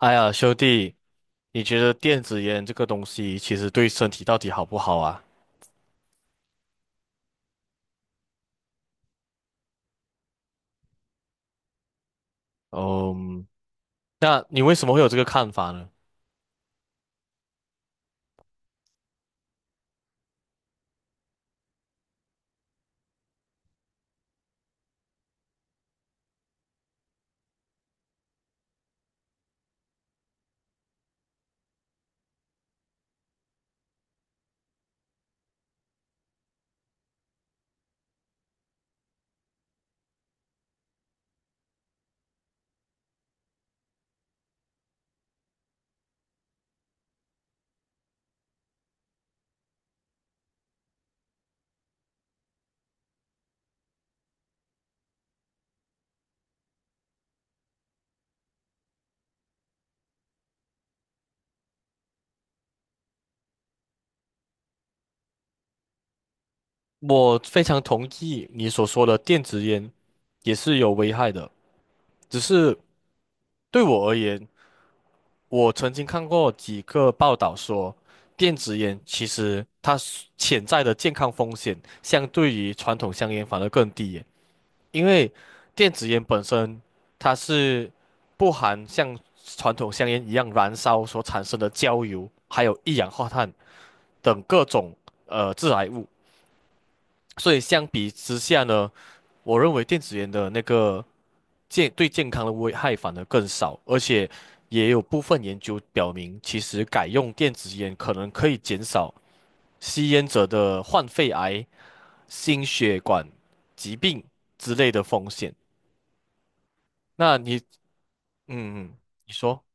哎呀，兄弟，你觉得电子烟这个东西其实对身体到底好不好啊？嗯，那你为什么会有这个看法呢？我非常同意你所说的，电子烟也是有危害的，只是对我而言，我曾经看过几个报道说，电子烟其实它是潜在的健康风险相对于传统香烟反而更低耶。因为电子烟本身它是不含像传统香烟一样燃烧所产生的焦油，还有一氧化碳等各种致癌物，所以相比之下呢，我认为电子烟的那个健对健康的危害反而更少，而且也有部分研究表明，其实改用电子烟可能可以减少吸烟者的患肺癌、心血管疾病之类的风险。那你嗯嗯，你说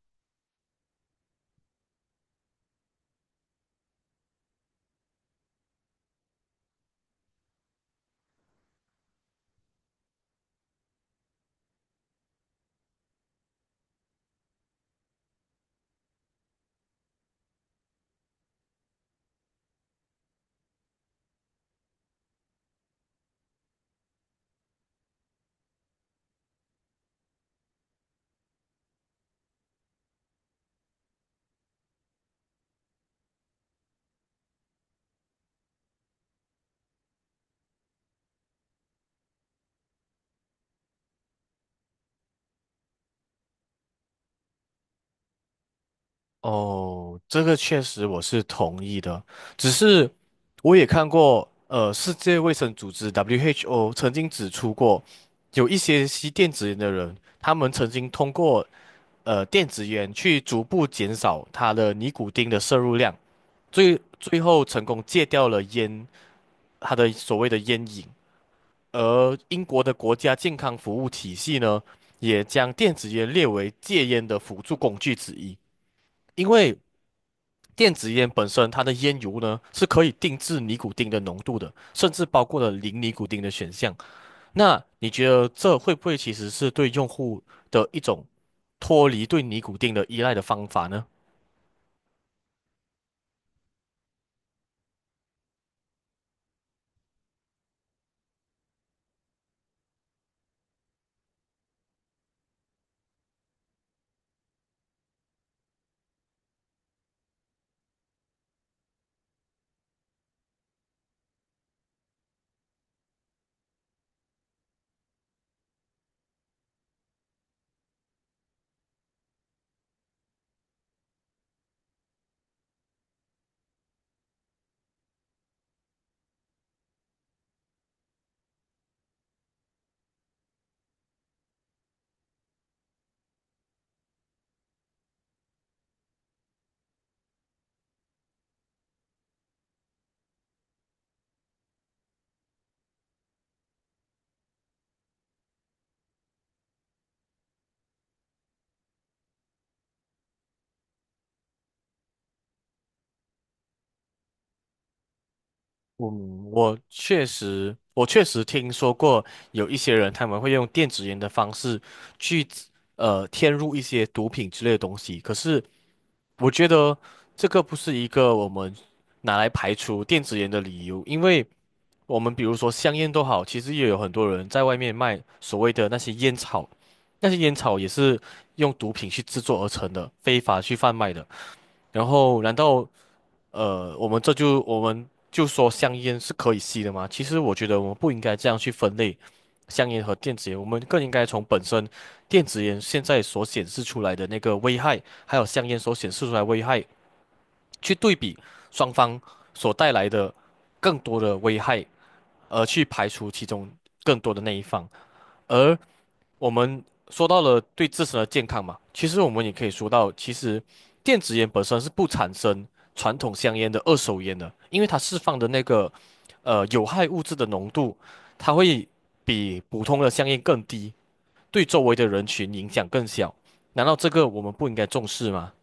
哦，这个确实我是同意的，只是我也看过，世界卫生组织 WHO 曾经指出过，有一些吸电子烟的人，他们曾经通过电子烟去逐步减少他的尼古丁的摄入量，最后成功戒掉了烟，他的所谓的烟瘾。而英国的国家健康服务体系呢，也将电子烟列为戒烟的辅助工具之一。因为电子烟本身它的烟油呢是可以定制尼古丁的浓度的，甚至包括了零尼古丁的选项。那你觉得这会不会其实是对用户的一种脱离对尼古丁的依赖的方法呢？嗯，我确实，我确实听说过有一些人他们会用电子烟的方式去添入一些毒品之类的东西，可是我觉得这个不是一个我们拿来排除电子烟的理由，因为我们比如说香烟都好，其实也有很多人在外面卖所谓的那些烟草，那些烟草也是用毒品去制作而成的，非法去贩卖的。然后，难道我们这就我们就说香烟是可以吸的吗？其实我觉得我们不应该这样去分类香烟和电子烟，我们更应该从本身电子烟现在所显示出来的那个危害，还有香烟所显示出来的危害去对比双方所带来的更多的危害。而去排除其中更多的那一方。而我们说到了对自身的健康嘛，其实我们也可以说到，其实电子烟本身是不产生传统香烟的二手烟的，因为它释放的那个有害物质的浓度，它会比普通的香烟更低，对周围的人群影响更小。难道这个我们不应该重视吗？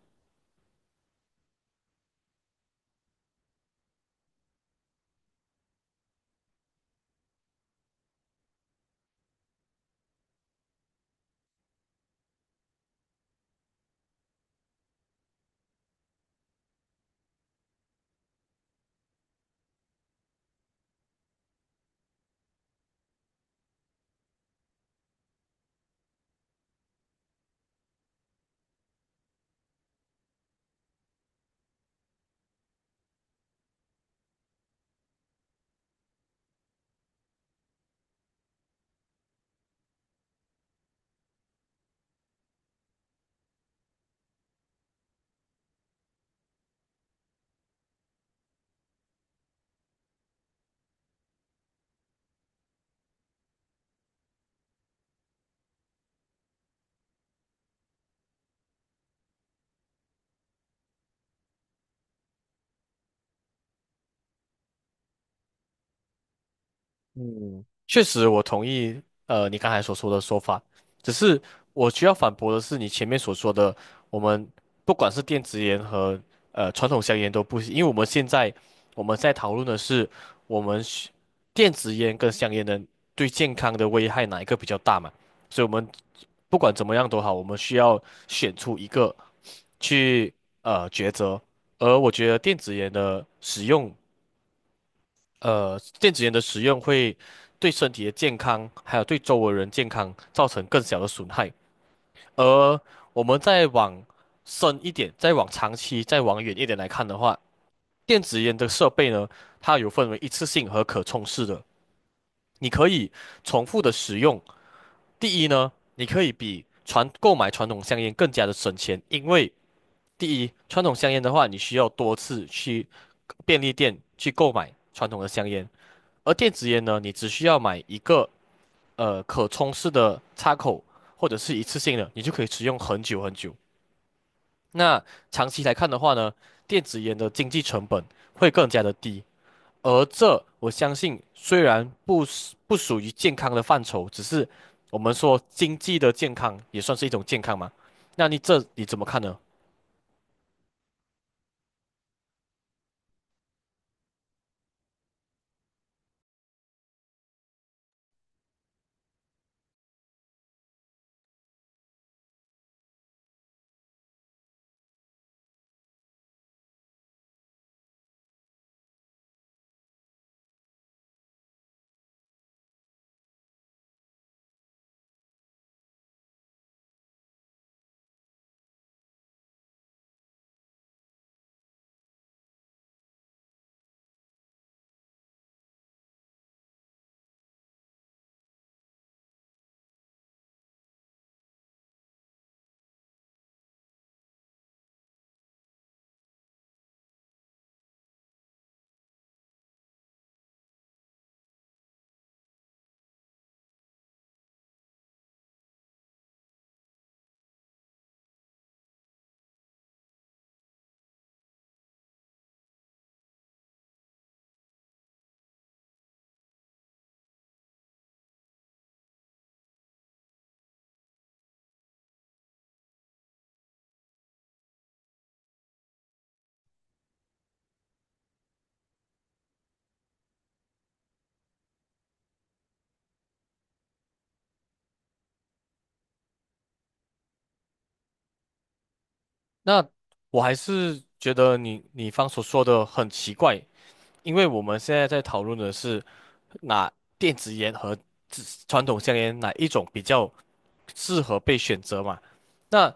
嗯，确实，我同意，你刚才所说的说法，只是我需要反驳的是你前面所说的，我们不管是电子烟和传统香烟都不行，因为我们现在我们在讨论的是我们需电子烟跟香烟的对健康的危害哪一个比较大嘛，所以我们不管怎么样都好，我们需要选出一个去抉择，而我觉得电子烟的使用。电子烟的使用会对身体的健康，还有对周围人健康造成更小的损害。而我们再往深一点，再往长期、再往远一点来看的话，电子烟的设备呢，它有分为一次性和可充式的，你可以重复的使用。第一呢，你可以比传购买传统香烟更加的省钱，因为第一，传统香烟的话，你需要多次去便利店去购买传统的香烟。而电子烟呢，你只需要买一个可充式的插口，或者是一次性的，你就可以使用很久很久。那长期来看的话呢，电子烟的经济成本会更加的低。而这我相信，虽然不是不属于健康的范畴，只是我们说经济的健康也算是一种健康嘛。那你这你怎么看呢？那我还是觉得你你方所说的很奇怪，因为我们现在在讨论的是。那电子烟和自传统香烟哪一种比较适合被选择嘛？那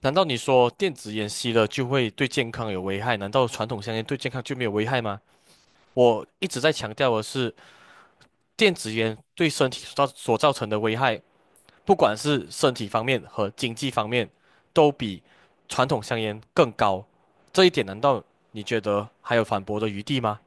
难道你说电子烟吸了就会对健康有危害？难道传统香烟对健康就没有危害吗？我一直在强调的是，电子烟对身体所造成的危害，不管是身体方面和经济方面，都比传统香烟更高。这一点难道你觉得还有反驳的余地吗？